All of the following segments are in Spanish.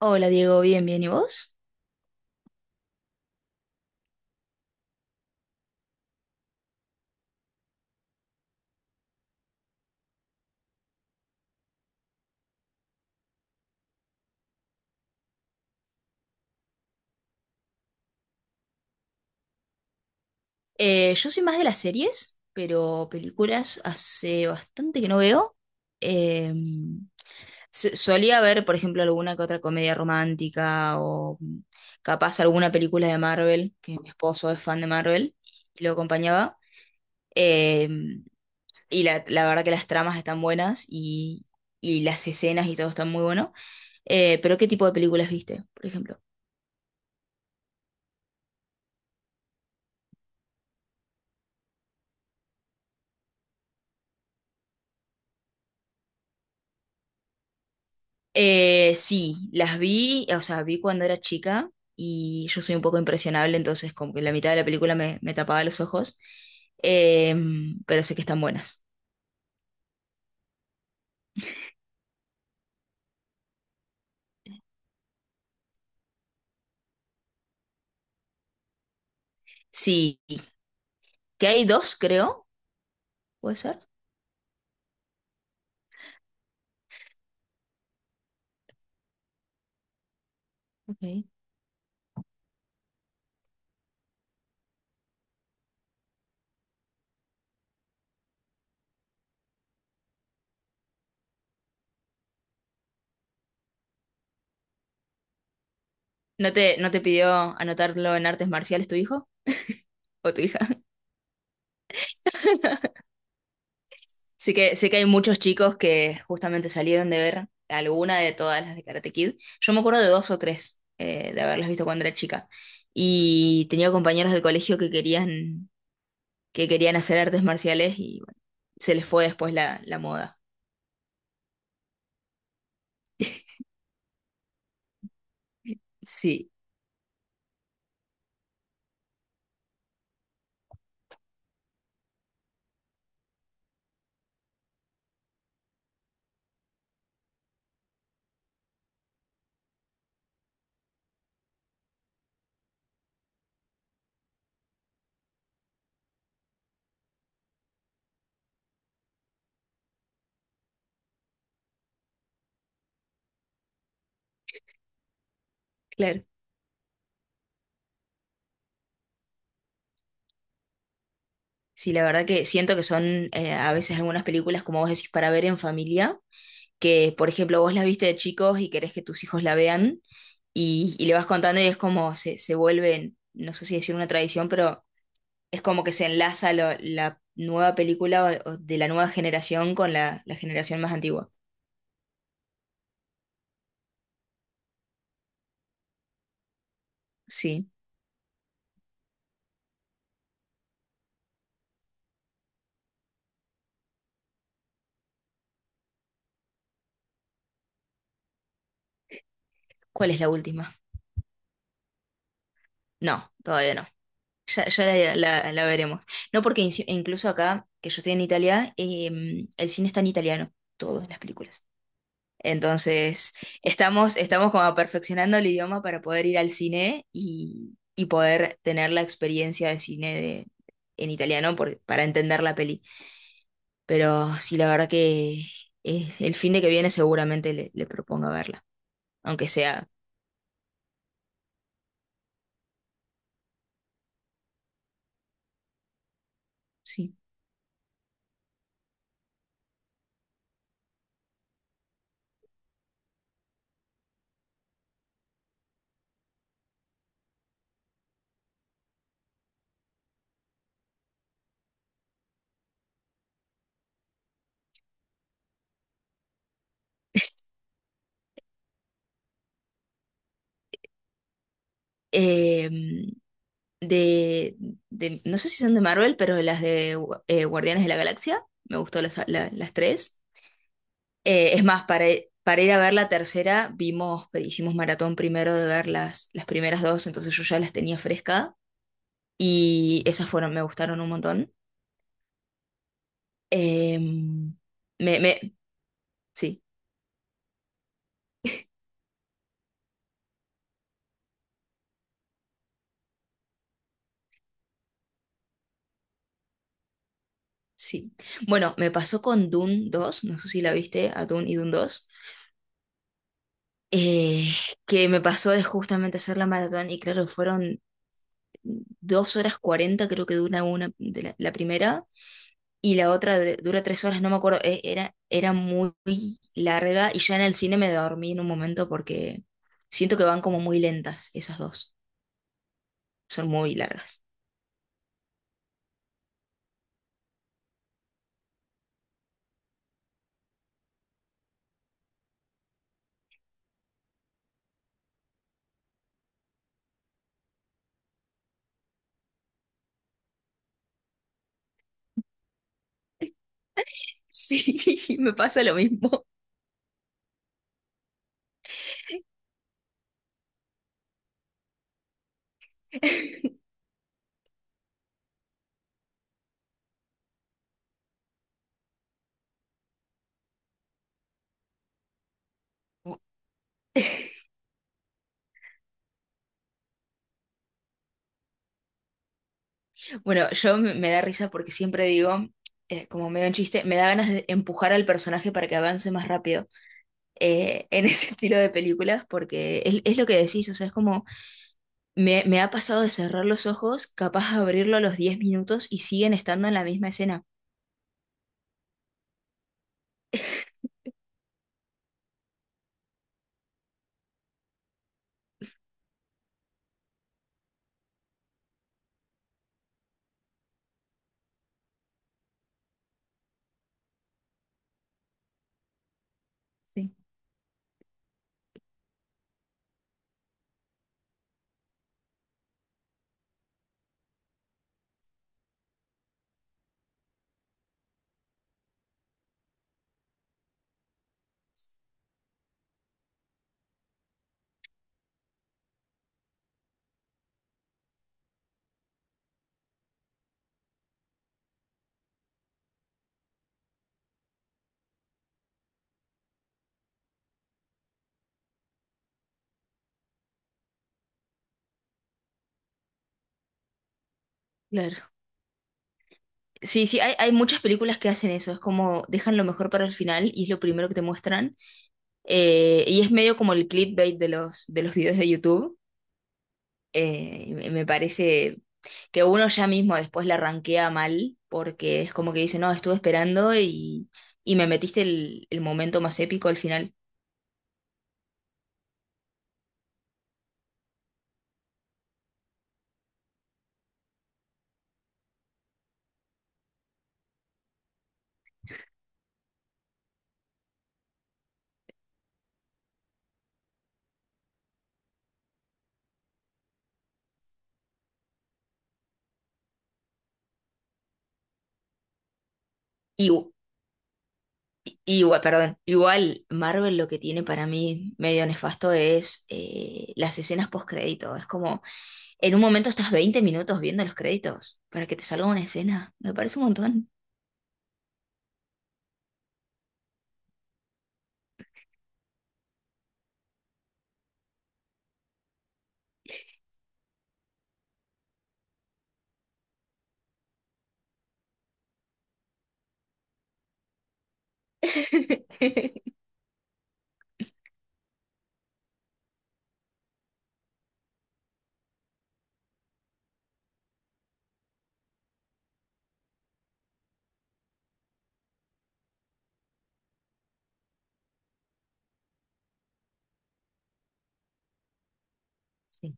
Hola Diego, bien, bien, ¿y vos? Yo soy más de las series, pero películas hace bastante que no veo. Eh, Solía ver, por ejemplo, alguna que otra comedia romántica o capaz alguna película de Marvel, que mi esposo es fan de Marvel y lo acompañaba. Eh, y la verdad que las tramas están buenas y las escenas y todo está muy bueno. Pero ¿qué tipo de películas viste, por ejemplo? Sí, las vi, o sea, vi cuando era chica y yo soy un poco impresionable, entonces como que la mitad de la película me tapaba los ojos. Em, pero sé que están buenas. Sí, que hay dos, creo, puede ser. Ok. ¿No te, no te pidió anotarlo en artes marciales tu hijo o tu hija? Sé que hay muchos chicos que justamente salieron de ver alguna de todas las de Karate Kid. Yo me acuerdo de dos o tres de haberlas visto cuando era chica. Y tenía compañeros del colegio que querían hacer artes marciales y bueno, se les fue después la moda. Sí, claro. Sí, la verdad que siento que son a veces algunas películas, como vos decís, para ver en familia, que por ejemplo vos las viste de chicos y querés que tus hijos la vean y le vas contando y es como se vuelve, no sé si decir una tradición, pero es como que se enlaza la nueva película o de la nueva generación con la generación más antigua. Sí. ¿Cuál es la última? No, todavía no. Ya la veremos. No porque incluso acá, que yo estoy en Italia, el cine está en italiano, todas las películas. Entonces, estamos como perfeccionando el idioma para poder ir al cine y poder tener la experiencia de en italiano para entender la peli. Pero sí, la verdad que el fin de que viene seguramente le proponga verla, aunque sea, sí. Em, de, no sé si son de Marvel, pero las de Guardianes de la Galaxia, me gustó las tres. Es más, para ir a ver la tercera, vimos, hicimos maratón primero de ver las primeras dos, entonces yo ya las tenía fresca y esas fueron, me gustaron un montón. Em, me, me, sí, sí. Bueno, me pasó con Dune dos, no sé si la viste, a Dune y Dune dos, eh, que me pasó de justamente hacer la maratón y claro, fueron dos horas cuarenta creo que dura una de la primera y la otra dura tres horas, no me acuerdo, era muy larga y ya en el cine me dormí en un momento porque siento que van como muy lentas esas dos, son muy largas. Sí, me pasa lo mismo. Bueno, yo me da risa porque siempre digo, como medio en chiste, me da ganas de empujar al personaje para que avance más rápido en ese estilo de películas, porque es lo que decís, o sea, es como me ha pasado de cerrar los ojos, capaz de abrirlo a los 10 minutos y siguen estando en la misma escena. Sí, claro. Sí, sí, hay muchas películas que hacen eso, es como dejan lo mejor para el final y es lo primero que te muestran. Y es medio como el clickbait de de los videos de YouTube. Y me parece que uno ya mismo después la ranquea mal porque es como que dice, no, estuve esperando y me metiste el momento más épico al final. Y u- Igual, perdón, igual Marvel lo que tiene para mí medio nefasto es las escenas post-crédito. Es como, en un momento estás 20 minutos viendo los créditos para que te salga una escena. Me parece un montón. Sí.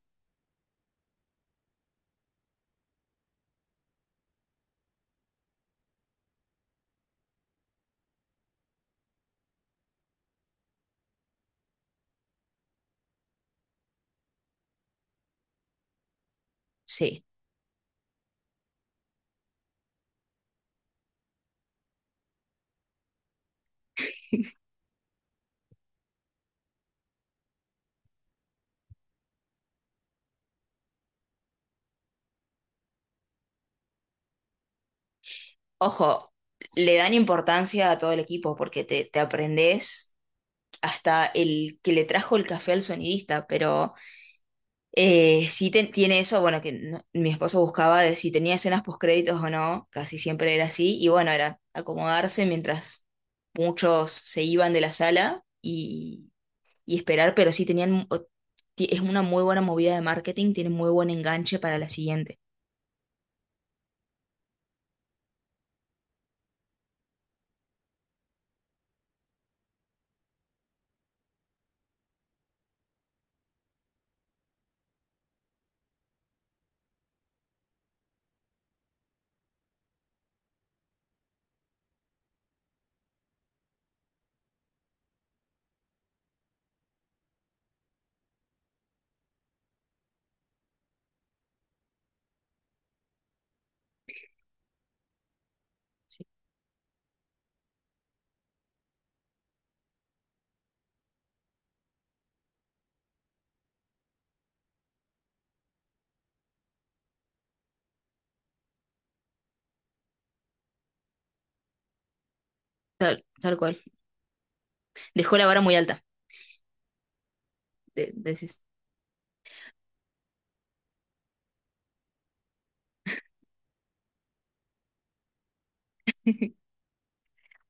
Sí. Ojo, le dan importancia a todo el equipo porque te aprendes hasta el que le trajo el café al sonidista, pero sí tiene eso, bueno, que no- mi esposo buscaba de si tenía escenas postcréditos o no, casi siempre era así, y bueno, era acomodarse mientras muchos se iban de la sala y esperar, pero sí tenían, es una muy buena movida de marketing, tiene muy buen enganche para la siguiente. Sí, tal cual. Dejó la vara muy alta, decís.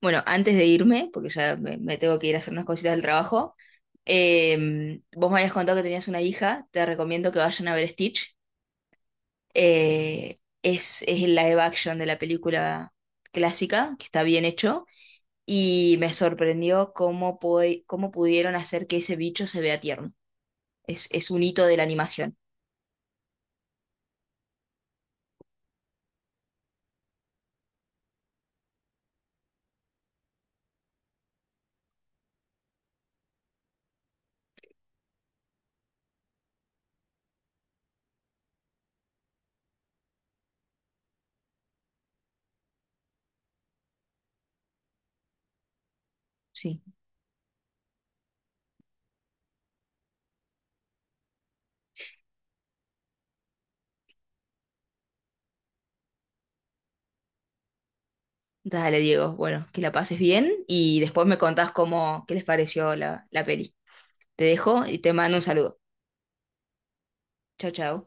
Bueno, antes de irme, porque ya me tengo que ir a hacer unas cositas del trabajo, vos me habías contado que tenías una hija, te recomiendo que vayan a ver Stitch. Es el live action de la película clásica, que está bien hecho, y me sorprendió cómo, cómo pudieron hacer que ese bicho se vea tierno. Es un hito de la animación. Sí. Dale, Diego. Bueno, que la pases bien y después me contás cómo, qué les pareció la peli. Te dejo y te mando un saludo. Chao, chao.